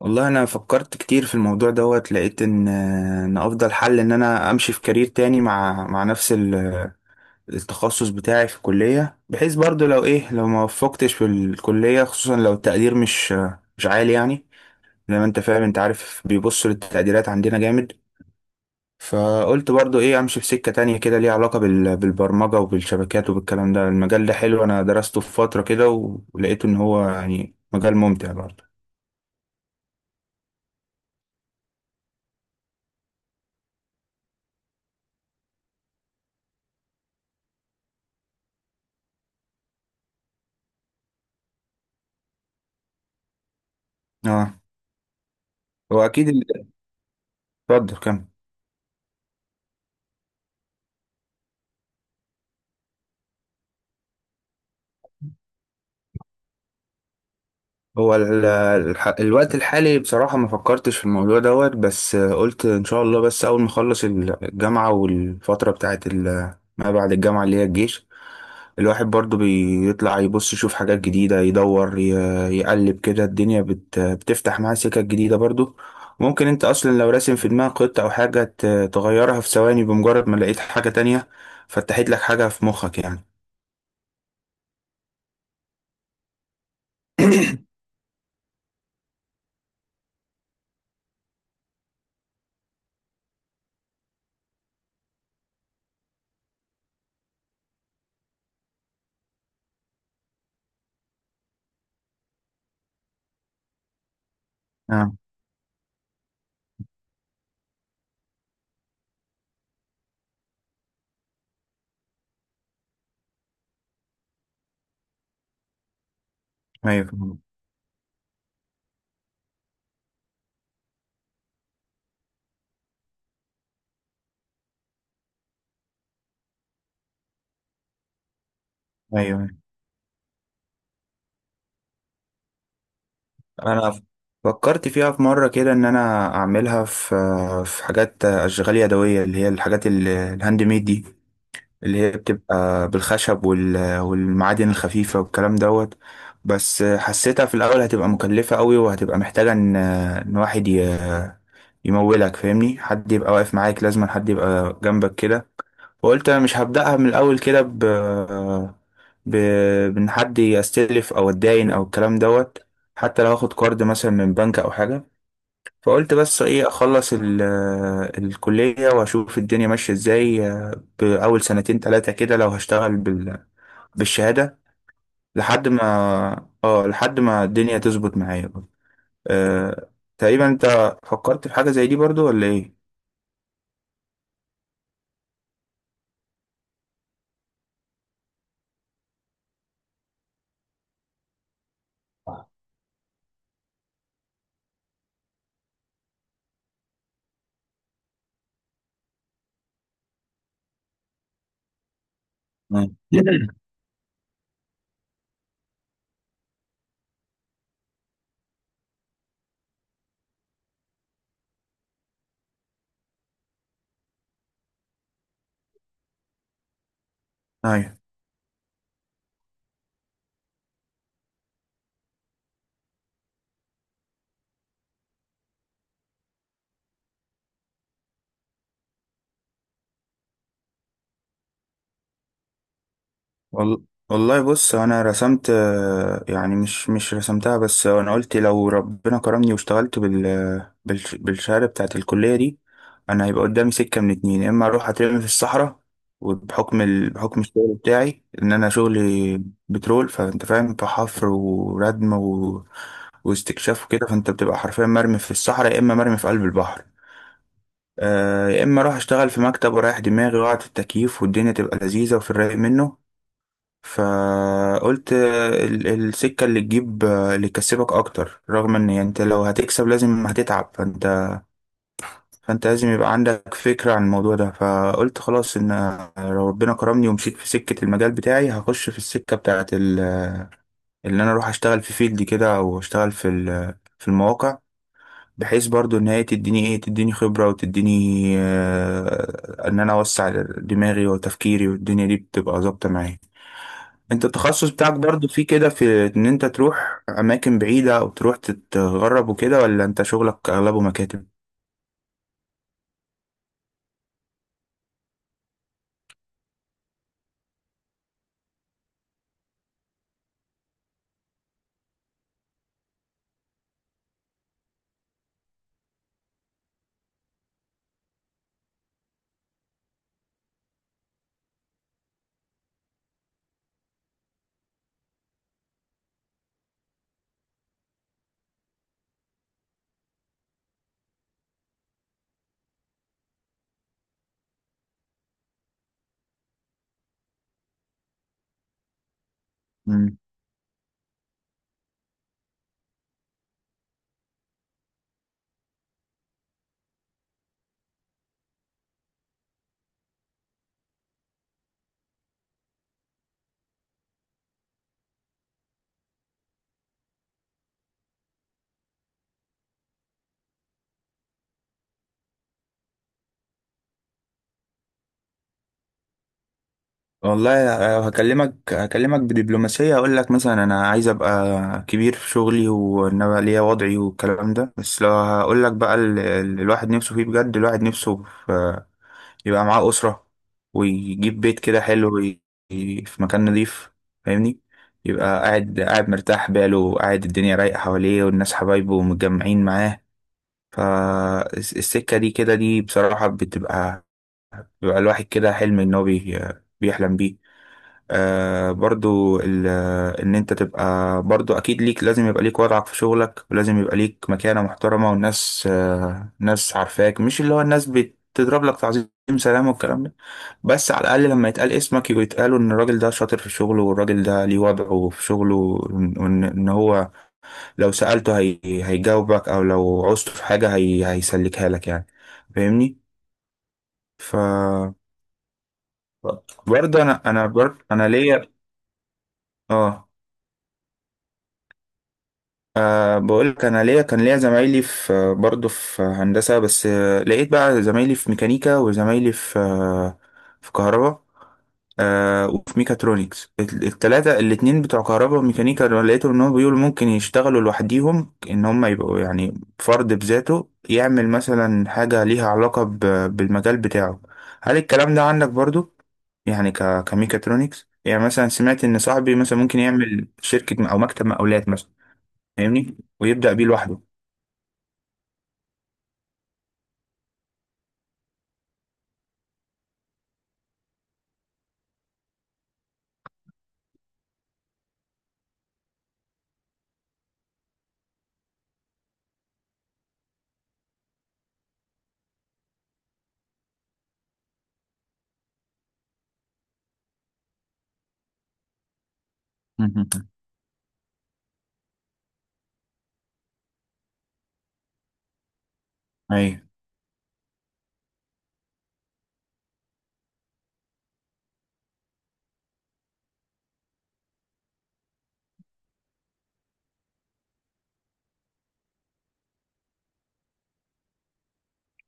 والله انا فكرت كتير في الموضوع دوت. لقيت ان افضل حل ان انا امشي في كارير تاني مع نفس التخصص بتاعي في الكلية، بحيث برضو لو ايه لو ما وفقتش في الكلية، خصوصا لو التقدير مش عالي يعني. زي ما انت فاهم، انت عارف بيبصوا للتقديرات عندنا جامد. فقلت برضو ايه، امشي في سكة تانية كده ليها علاقة بالبرمجة وبالشبكات وبالكلام ده. المجال ده حلو، انا درسته في فترة كده ولقيت ان هو يعني مجال ممتع برضو. اه. هو اكيد ال- اتفضل كمل. الوقت الحالي بصراحة ما فكرتش في الموضوع دوت، بس قلت إن شاء الله بس أول ما أخلص الجامعة، والفترة بتاعت ما بعد الجامعة اللي هي الجيش. الواحد برضو بيطلع يبص يشوف حاجات جديدة، يدور يقلب كده. الدنيا بتفتح معاه سكة جديدة برضو. ممكن أنت أصلا لو راسم في دماغك خطة أو حاجة تغيرها في ثواني بمجرد ما لقيت حاجة تانية فتحت لك حاجة في مخك يعني. آه. أيوه، أيوه. انا فكرت فيها في مره كده ان انا اعملها في حاجات اشغال يدويه، اللي هي الحاجات الهاند ميد دي، اللي هي بتبقى بالخشب والمعادن الخفيفه والكلام دوت. بس حسيتها في الاول هتبقى مكلفه قوي، وهتبقى محتاجه ان واحد يمولك. فاهمني، حد يبقى واقف معاك، لازم حد يبقى جنبك كده. فقلت انا مش هبدأها من الاول كده ب ب بان حد يستلف او اتداين او الكلام دوت، حتى لو هاخد كارد مثلا من بنك او حاجه. فقلت بس ايه، اخلص الكليه واشوف الدنيا ماشيه ازاي باول سنتين ثلاثه كده، لو هشتغل بالشهاده لحد ما، اه لحد ما الدنيا تظبط معايا. أه... تقريبا انت فكرت في حاجه زي دي برضو ولا ايه؟ مم. ايوه. وال- والله بص، انا رسمت يعني مش رسمتها، بس انا قلت لو ربنا كرمني واشتغلت بالشهاده بتاعت الكليه دي، انا هيبقى قدامي سكه من اتنين. يا اما اروح اترمي في الصحراء، وبحكم بحكم الشغل بتاعي، ان انا شغلي بترول، فانت فاهم، فحفر وردم واستكشاف وكده، فانت بتبقى حرفيا مرمي في الصحراء يا اما مرمي في قلب البحر. يا اما اروح اشتغل في مكتب ورايح دماغي وقعد التكييف، والدنيا تبقى لذيذه وفي الرايق منه. فقلت السكة اللي اللي تكسبك أكتر، رغم إن يعني أنت لو هتكسب لازم هتتعب. فأنت لازم يبقى عندك فكرة عن الموضوع ده. فقلت خلاص، إن لو ربنا كرمني ومشيت في سكة المجال بتاعي، هخش في السكة بتاعت اللي أنا أروح أشتغل في فيلد كده، أو أشتغل في المواقع، بحيث برضو إن هي تديني إيه، تديني خبرة وتديني إن أنا أوسع دماغي وتفكيري، والدنيا دي بتبقى ظابطة معايا. انت التخصص بتاعك برضو فيه كده، في ان انت تروح اماكن بعيدة او تروح تتغرب وكده، ولا انت شغلك اغلبه مكاتب؟ مم. والله هكلمك، هكلمك بدبلوماسية. اقول لك مثلا انا عايز ابقى كبير في شغلي، وان انا ليا وضعي والكلام ده. بس لو هقول لك بقى، الواحد نفسه فيه بجد. الواحد نفسه في يبقى معاه أسرة، ويجيب بيت كده حلو في مكان نظيف. فاهمني، يبقى قاعد، قاعد مرتاح باله، قاعد الدنيا رايقة حواليه والناس حبايبه ومتجمعين معاه. فالسكة دي كده دي بصراحة بتبقى، بيبقى الواحد كده حلم إن هو بيحلم بيه. آه، برضو ال- إن أنت تبقى برضو أكيد ليك لازم يبقى ليك وضعك في شغلك، ولازم يبقى ليك مكانة محترمة، والناس ناس عارفاك، مش اللي هو الناس بتضرب لك تعظيم سلام والكلام ده، بس على الأقل لما يتقال اسمك يبقى يتقالوا إن الراجل ده شاطر في شغله، والراجل ده ليه وضعه في شغله، إن هو لو سألته هيجاوبك، أو لو عوزته في حاجة هيسلكها لك يعني. فاهمني؟ ف برضه، أنا برضه أنا ليا. آه. بقول لك، انا ليا كان ليا زمايلي، في برضه في هندسه، بس لقيت بقى زمايلي في ميكانيكا، وزمايلي في في كهرباء، أه، وفي ميكاترونكس. التلاتة، الاتنين بتوع كهرباء وميكانيكا دول، لقيتهم ان هم بيقولوا ممكن يشتغلوا لوحديهم، ان هم يبقوا يعني فرد بذاته يعمل مثلا حاجه ليها علاقه بالمجال بتاعه. هل الكلام ده عندك برضه؟ يعني كميكاترونكس، يعني مثلا سمعت ان صاحبي مثلا ممكن يعمل شركه او مكتب مقاولات مثلا، فاهمني، ويبدأ بيه لوحده. مهم. ايوه،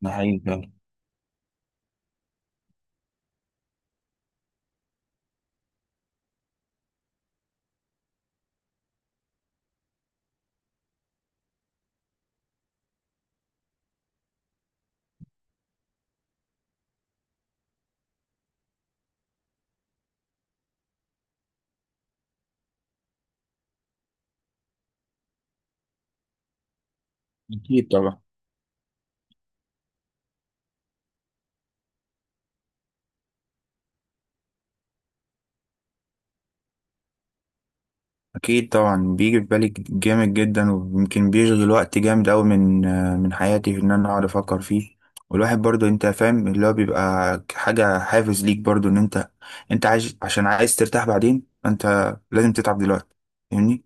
ده حقيقي فعلا. أكيد طبعا، أكيد طبعا. بيجي في بالي جامد جدا، ويمكن بيشغل وقت جامد أوي من حياتي، في إن أنا أقعد أفكر فيه. والواحد برضو أنت فاهم، اللي هو بيبقى حاجة حافز ليك برضو، إن أنت عايز، عشان عايز ترتاح بعدين أنت لازم تتعب دلوقتي، فاهمني.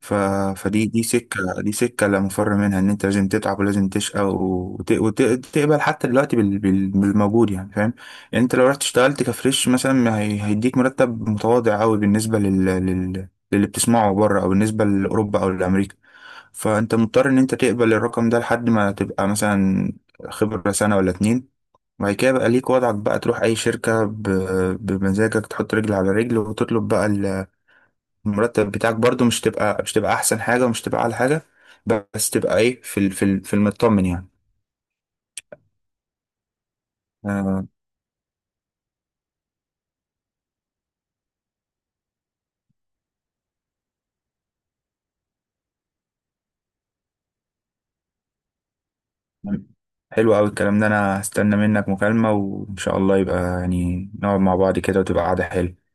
ف... فدي، دي سكة، لا مفر منها، ان انت لازم تتعب ولازم تشقى، تقبل حتى دلوقتي بالموجود يعني، فاهم. يعني انت لو رحت اشتغلت كفريش مثلا، ما هيديك مرتب متواضع قوي بالنسبة للي بتسمعه بره، او بالنسبة لاوروبا او لامريكا. فانت مضطر ان انت تقبل الرقم ده لحد ما تبقى مثلا خبرة سنة ولا اتنين، وبعد كده بقى ليك وضعك، بقى تروح اي شركة بمزاجك، تحط رجل على رجل، وتطلب بقى المرتب بتاعك برضو. مش تبقى احسن حاجه، ومش تبقى اعلى حاجه، بس تبقى ايه، في المطمن يعني. آه. حلو قوي الكلام ده، انا هستنى منك مكالمه، وان شاء الله يبقى يعني نقعد مع بعض كده وتبقى قعده حلوه.